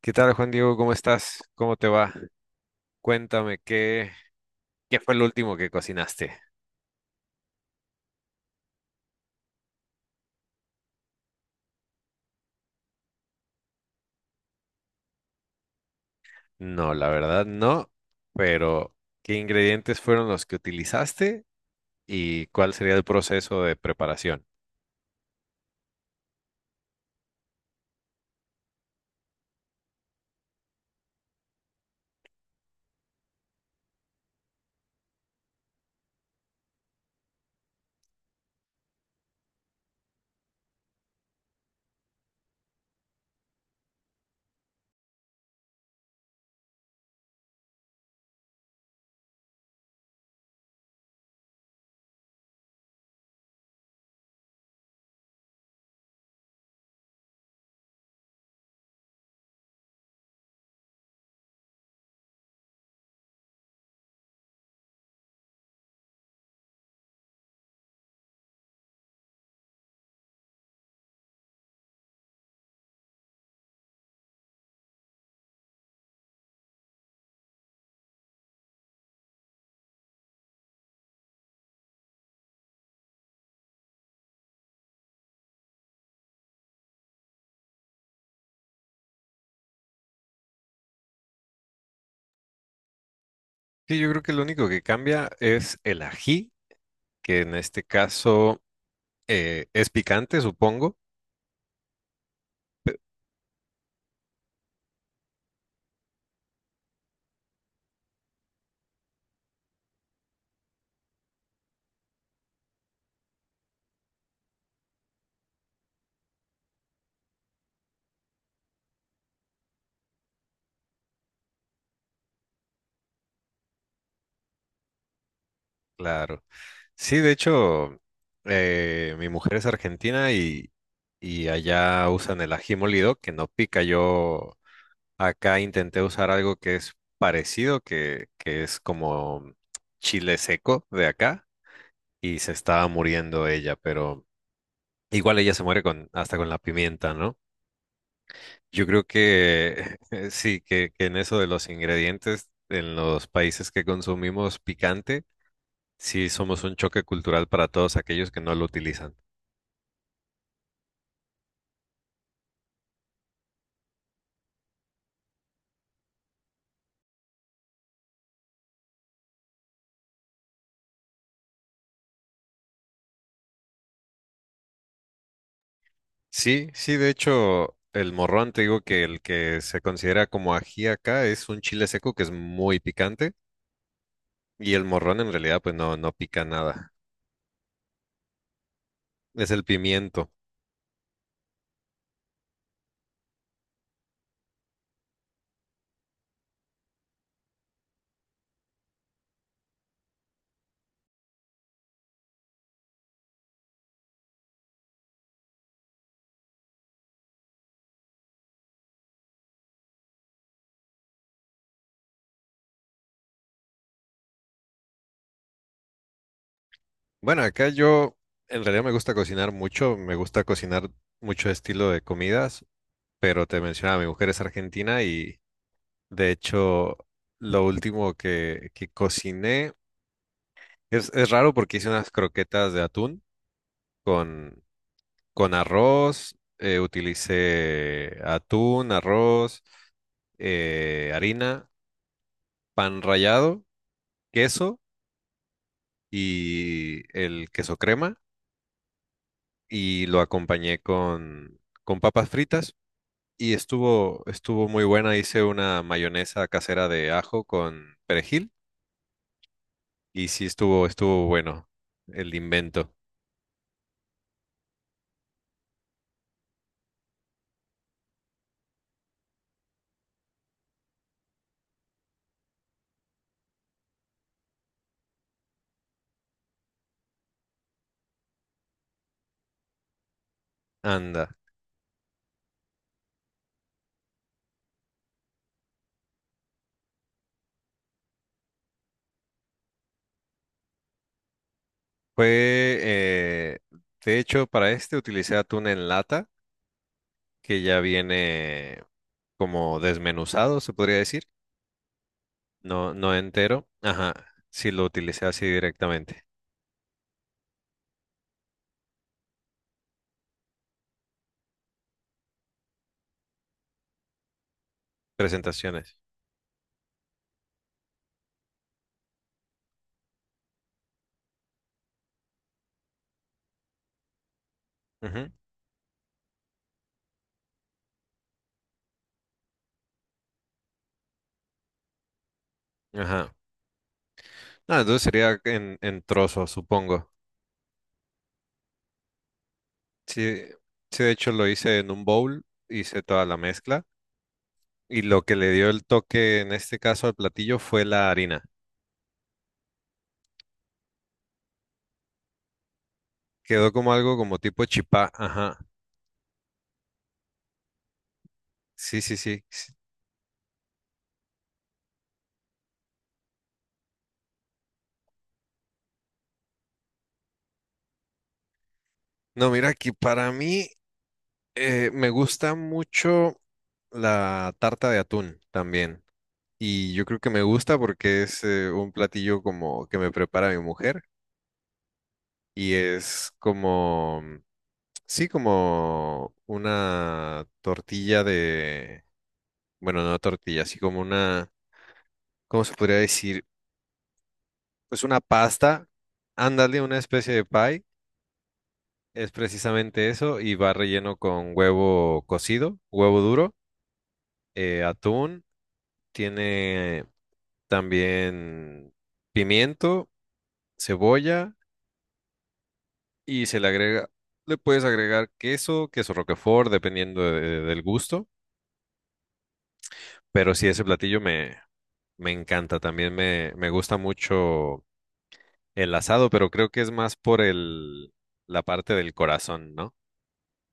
¿Qué tal, Juan Diego? ¿Cómo estás? ¿Cómo te va? Cuéntame, ¿qué fue el último que cocinaste? No, la verdad no, pero ¿qué ingredientes fueron los que utilizaste y cuál sería el proceso de preparación? Sí, yo creo que lo único que cambia es el ají, que en este caso es picante, supongo. Claro. Sí, de hecho, mi mujer es argentina y allá usan el ají molido, que no pica yo. Acá intenté usar algo que es parecido, que es como chile seco de acá, y se estaba muriendo ella, pero igual ella se muere con, hasta con la pimienta, ¿no? Yo creo que sí, que en eso de los ingredientes, en los países que consumimos picante, sí somos un choque cultural para todos aquellos que no lo utilizan. Sí, sí, de hecho, el morrón, te digo que el que se considera como ají acá es un chile seco que es muy picante. Y el morrón en realidad pues no, no pica nada. Es el pimiento. Bueno, acá yo en realidad me gusta cocinar mucho, me gusta cocinar mucho estilo de comidas, pero te mencionaba, mi mujer es argentina y de hecho lo último que cociné es raro porque hice unas croquetas de atún con, con arroz, utilicé atún, arroz, harina, pan rallado, queso y el queso crema y lo acompañé con papas fritas y estuvo muy buena. Hice una mayonesa casera de ajo con perejil y sí estuvo bueno el invento. Anda. Fue, de hecho, para este utilicé atún en lata que ya viene como desmenuzado, se podría decir. No, no entero. Ajá. Sí lo utilicé así directamente. Presentaciones. Ujú, ajá. Ah, entonces sería en trozos, supongo. Sí, sí, de hecho lo hice en un bowl, hice toda la mezcla y lo que le dio el toque en este caso al platillo fue la harina. Quedó como algo como tipo chipá, ajá. Sí, sí, sí, sí. No, mira que para mí me gusta mucho la tarta de atún también. Y yo creo que me gusta porque es un platillo como que me prepara mi mujer y es como, sí, como una tortilla de bueno, no tortilla, así como una, ¿cómo se podría decir? Pues una pasta, ándale, una especie de pie, es precisamente eso, y va relleno con huevo cocido, huevo duro, atún, tiene también pimiento, cebolla, y se le agrega, le puedes agregar queso, queso roquefort, dependiendo del gusto, pero sí, ese me encanta, también me gusta mucho el asado, pero creo que es más por la parte del corazón, ¿no?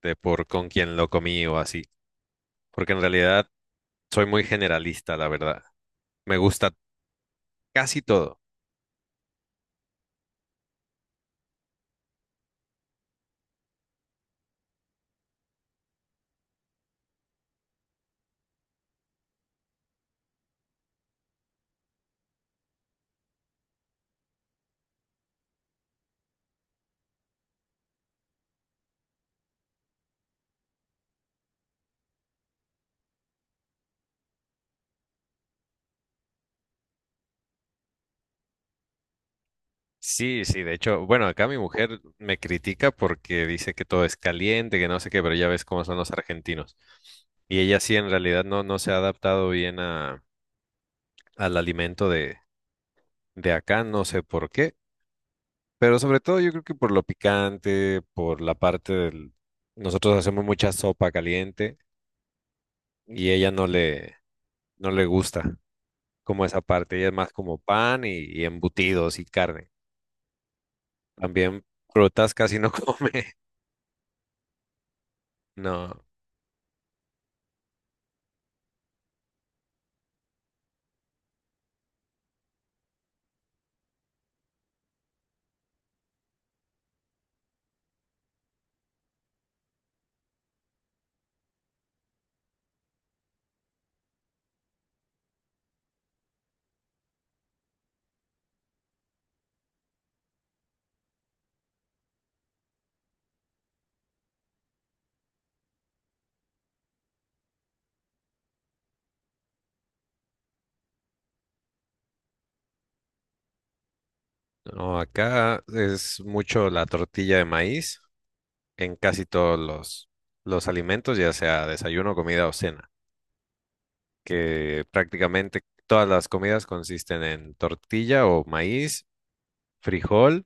De por con quién lo comí o así. Porque en realidad soy muy generalista, la verdad. Me gusta casi todo. Sí, sí, de hecho, bueno, acá mi mujer me critica porque dice que todo es caliente, que no sé qué, pero ya ves cómo son los argentinos. Y ella sí, en realidad no, no se ha adaptado bien al alimento de acá, no sé por qué. Pero sobre todo yo creo que por lo picante, por la parte del... Nosotros hacemos mucha sopa caliente y ella no le gusta como esa parte. Ella es más como pan y embutidos y carne. También frutas casi no come. No, no, acá es mucho la tortilla de maíz en casi todos los alimentos, ya sea desayuno, comida o cena, que prácticamente todas las comidas consisten en tortilla o maíz, frijol.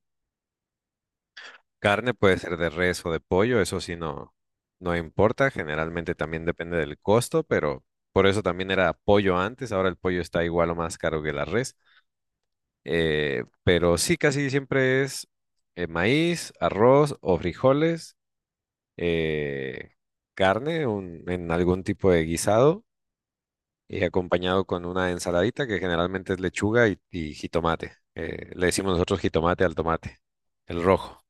Carne puede ser de res o de pollo, eso sí no, no importa, generalmente también depende del costo, pero por eso también era pollo antes, ahora el pollo está igual o más caro que la res. Pero sí, casi siempre es maíz, arroz o frijoles, eh, carne en algún tipo de guisado y acompañado con una ensaladita que generalmente es lechuga y jitomate. Le decimos nosotros jitomate al tomate, el rojo.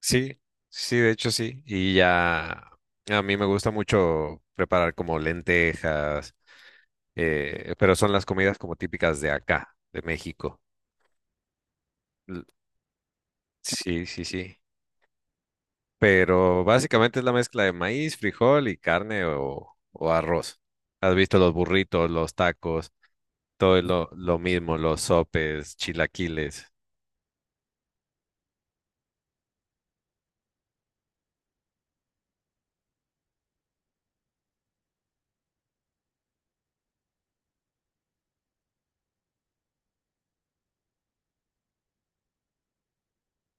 Sí, sí, de hecho sí. Y ya a mí me gusta mucho preparar como lentejas, pero son las comidas como típicas de acá, de México. L- Sí, sí, sí. Pero básicamente es la mezcla de maíz, frijol y carne o arroz. Has visto los burritos, los tacos, todo es lo mismo, los sopes, chilaquiles.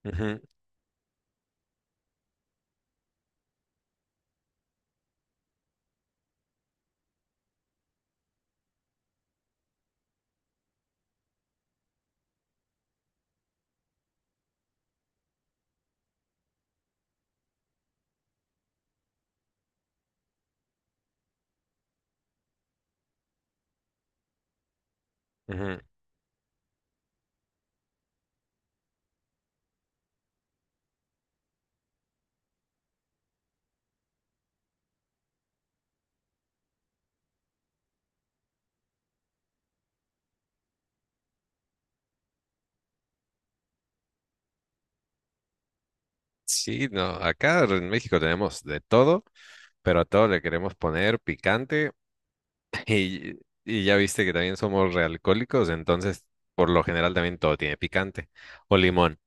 Ujú, ujú. Sí, no, acá en México tenemos de todo, pero a todo le queremos poner picante. Y, y ya viste que también somos realcohólicos, entonces por lo general también todo tiene picante. O limón,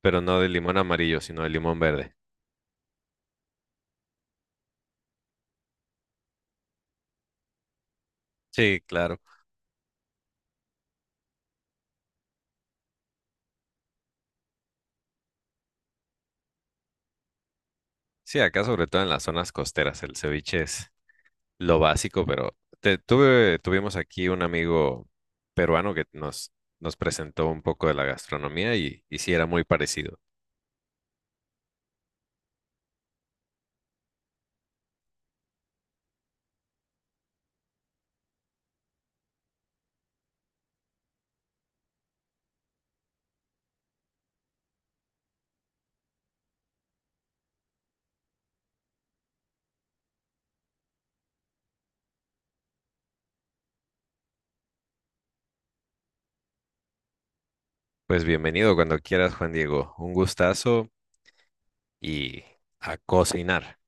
pero no de limón amarillo, sino de limón verde. Sí, claro. Sí, acá sobre todo en las zonas costeras el ceviche es lo básico, pero tuve, tuvimos aquí un amigo peruano nos presentó un poco de la gastronomía y sí era muy parecido. Pues bienvenido cuando quieras, Juan Diego. Un gustazo y a cocinar.